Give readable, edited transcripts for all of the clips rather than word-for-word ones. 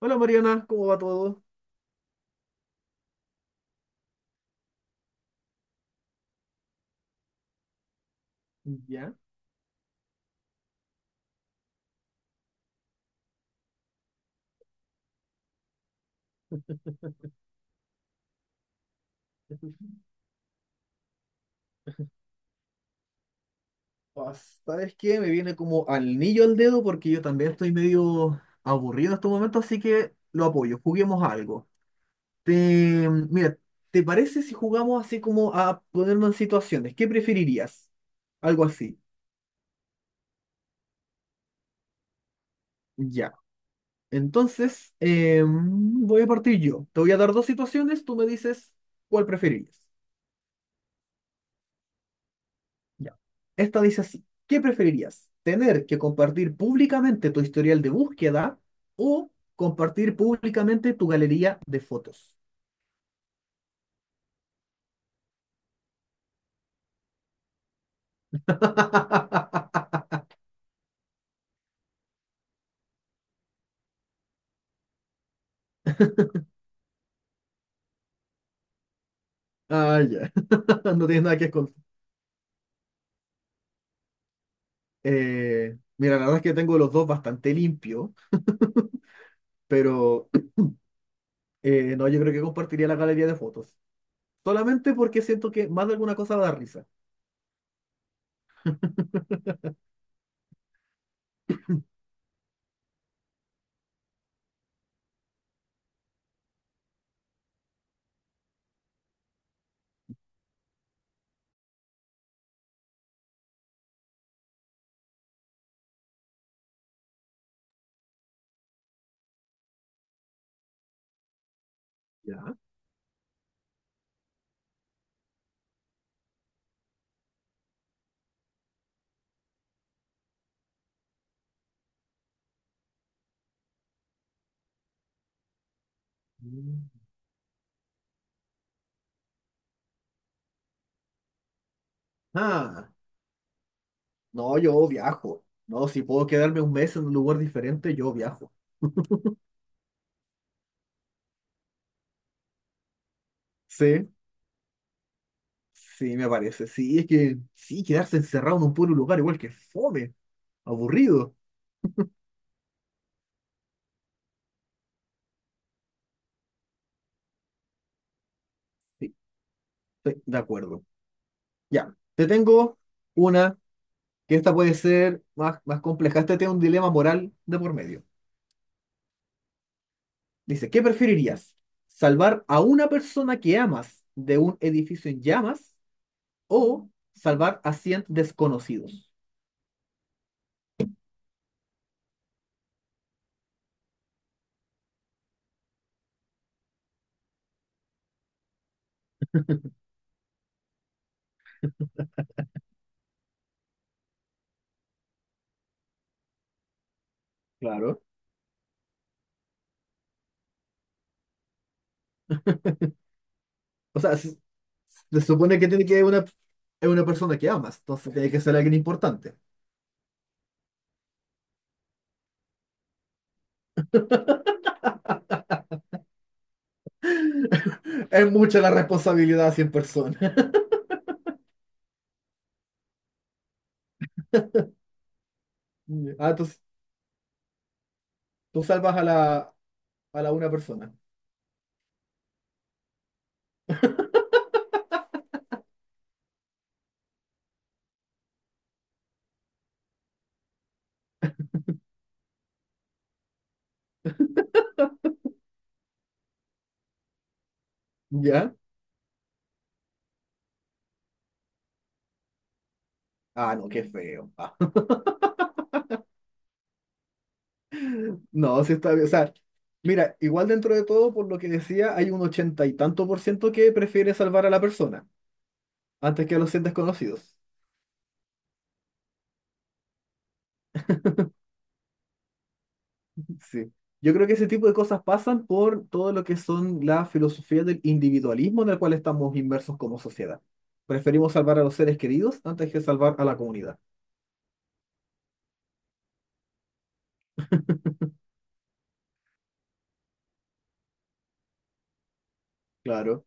Hola Mariana, ¿cómo va todo? Ya. Ah, ¿sabes qué? Me viene como al niño al dedo porque yo también estoy medio aburrido en estos momentos, así que lo apoyo. Juguemos a algo. Te, mira, ¿te parece si jugamos así como a ponernos en situaciones? ¿Qué preferirías? Algo así. Ya. Entonces, voy a partir yo. Te voy a dar dos situaciones, tú me dices cuál preferirías. Ya. Esta dice así, ¿qué preferirías? ¿Tener que compartir públicamente tu historial de búsqueda o compartir públicamente tu galería de fotos? Ah, ya. No tienes nada que esconder. Mira, la verdad es que tengo los dos bastante limpio, pero no, yo creo que compartiría la galería de fotos. Solamente porque siento que más de alguna cosa va a dar risa. Ya. Mm. Ah, no, yo viajo. No, si puedo quedarme un mes en un lugar diferente, yo viajo. Sí. Sí, me parece. Sí, es que sí, quedarse encerrado en un puro lugar igual que fome, aburrido. Sí, estoy de acuerdo. Ya, te tengo una que esta puede ser más, más compleja. Este tiene un dilema moral de por medio. Dice, ¿qué preferirías? ¿Salvar a una persona que amas de un edificio en llamas o salvar a 100 desconocidos? Claro. O sea, se supone que tiene que una, es una persona que amas, entonces tiene que ser alguien importante. Es mucha la responsabilidad a 100 personas. Ya. Ah, tú salvas a la una persona. ¿Ya? Ah, no, qué feo. Ah, no, sí está bien. O sea, mira, igual dentro de todo, por lo que decía, hay un ochenta y tanto por ciento que prefiere salvar a la persona antes que a los 100 desconocidos. Sí. Yo creo que ese tipo de cosas pasan por todo lo que son la filosofía del individualismo en el cual estamos inmersos como sociedad. Preferimos salvar a los seres queridos antes que salvar a la comunidad. Claro,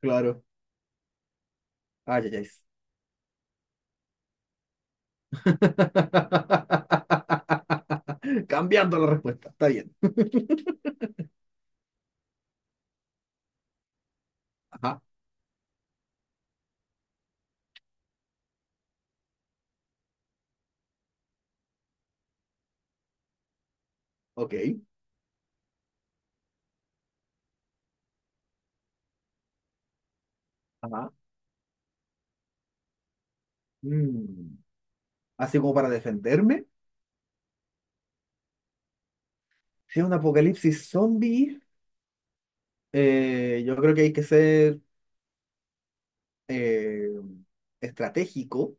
claro. Ay, ay, ay. Cambiando la respuesta. Está bien. Ajá. Ok. Ajá. Mm, así como para defenderme. Si es un apocalipsis zombie, yo creo que hay que ser eh, estratégico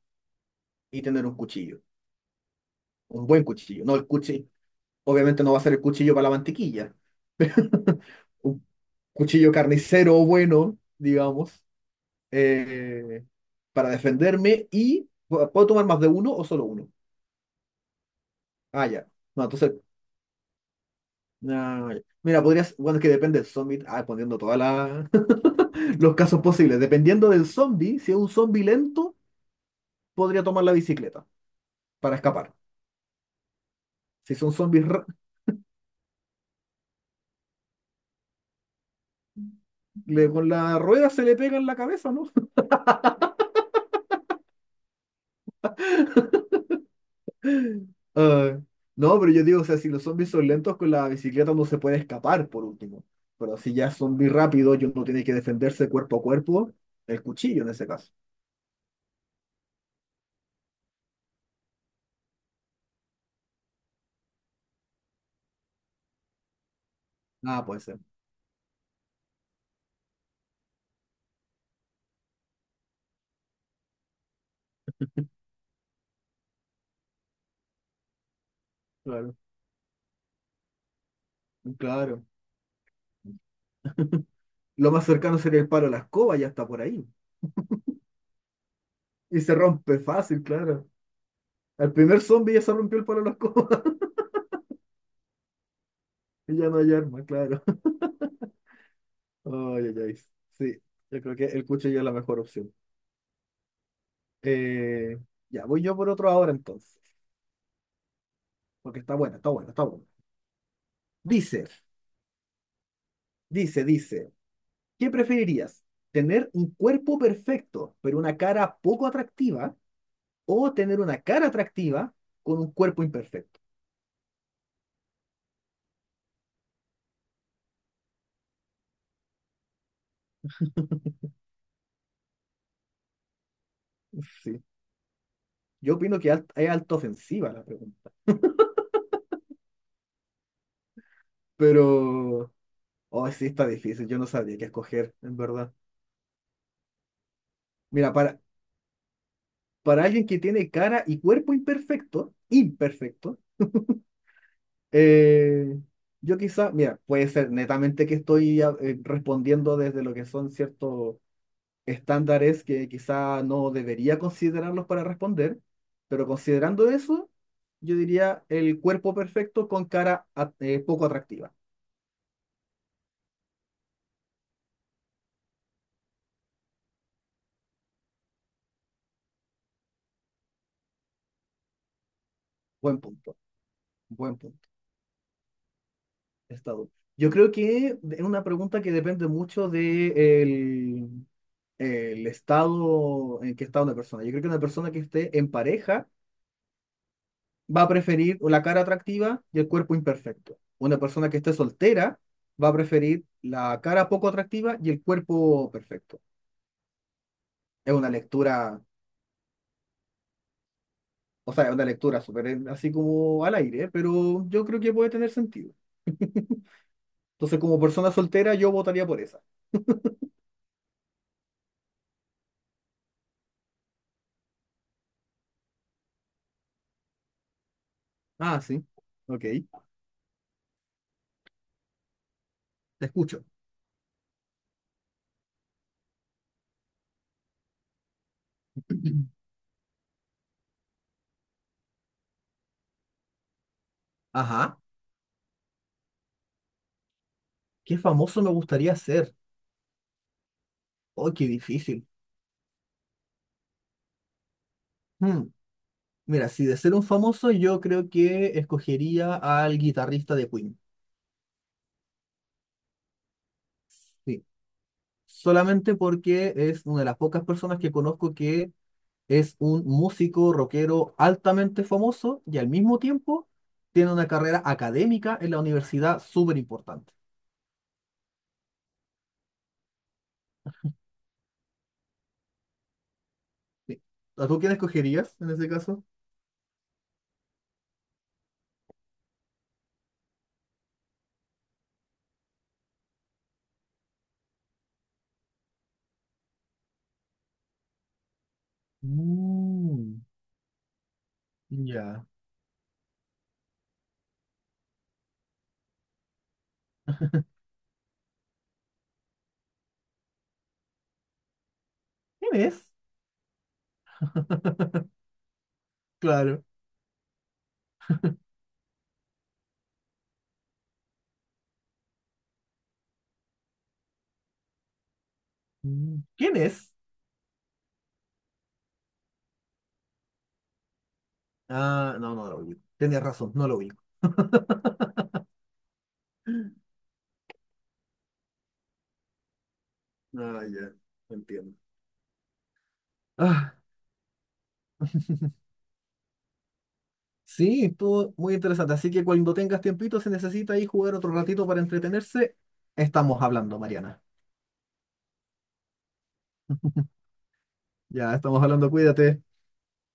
y tener un cuchillo. Un buen cuchillo. No el cuchillo. Obviamente no va a ser el cuchillo para la mantequilla. Un cuchillo carnicero bueno, digamos, eh, para defenderme y ¿puedo tomar más de uno o solo uno? Ah, ya. No, entonces ah, ya, mira, podrías, bueno, es que depende del zombie, ah, poniendo todos los casos posibles. Dependiendo del zombie, si es un zombie lento, podría tomar la bicicleta para escapar. Si son un ra- le- Con la rueda se le pega en la cabeza, ¿no? Ah, no, pero yo digo, o sea, si los zombies son lentos, con la bicicleta no se puede escapar, por último. Pero si ya es zombie rápido y uno tiene que defenderse cuerpo a cuerpo, el cuchillo en ese caso. Ah, puede ser. Claro, claro. Lo más cercano sería el palo a la escoba, ya está por ahí. Y se rompe fácil, claro. Al primer zombie ya se rompió el palo de la escoba. Y ya no hay arma, claro. Ay, ay, ay. Sí, yo creo que el cuchillo es la mejor opción. Eh, ya, voy yo por otro ahora entonces. Porque está buena, está buena, está buena. Dice, dice, dice. ¿Qué preferirías? ¿Tener un cuerpo perfecto, pero una cara poco atractiva? ¿O tener una cara atractiva con un cuerpo imperfecto? Sí. Yo opino que es alta ofensiva la pregunta. Pero oh, sí, está difícil. Yo no sabría qué escoger, en verdad. Mira, para alguien que tiene cara y cuerpo imperfecto, imperfecto, eh, yo quizá, mira, puede ser netamente que estoy respondiendo desde lo que son ciertos estándares que quizá no debería considerarlos para responder, pero considerando eso, yo diría el cuerpo perfecto con poco atractiva. Buen punto, buen punto. Estado. Yo creo que es una pregunta que depende mucho de el, el estado en que está una persona. Yo creo que una persona que esté en pareja va a preferir la cara atractiva y el cuerpo imperfecto. Una persona que esté soltera va a preferir la cara poco atractiva y el cuerpo perfecto. Es una lectura, o sea, es una lectura súper así como al aire, pero yo creo que puede tener sentido. Entonces, como persona soltera, yo votaría por esa. Ah, sí. Ok. Te escucho. Ajá. ¿Qué famoso me gustaría ser? Oh, qué difícil. Hmm, mira, si de ser un famoso, yo creo que escogería al guitarrista de Queen. Sí. Solamente porque es una de las pocas personas que conozco que es un músico rockero altamente famoso y al mismo tiempo tiene una carrera académica en la universidad súper importante. Sí. ¿A tú quién escogerías en ese caso? Mm, ya. ¿Quién es? Claro. Mm, ¿quién es? Ah, no, no lo ubico. Tenías razón, no lo ubico. Ah, ya, entiendo. Ah, sí, estuvo muy interesante. Así que cuando tengas tiempito, se necesita ahí jugar otro ratito para entretenerse, estamos hablando, Mariana. Ya, estamos hablando, cuídate.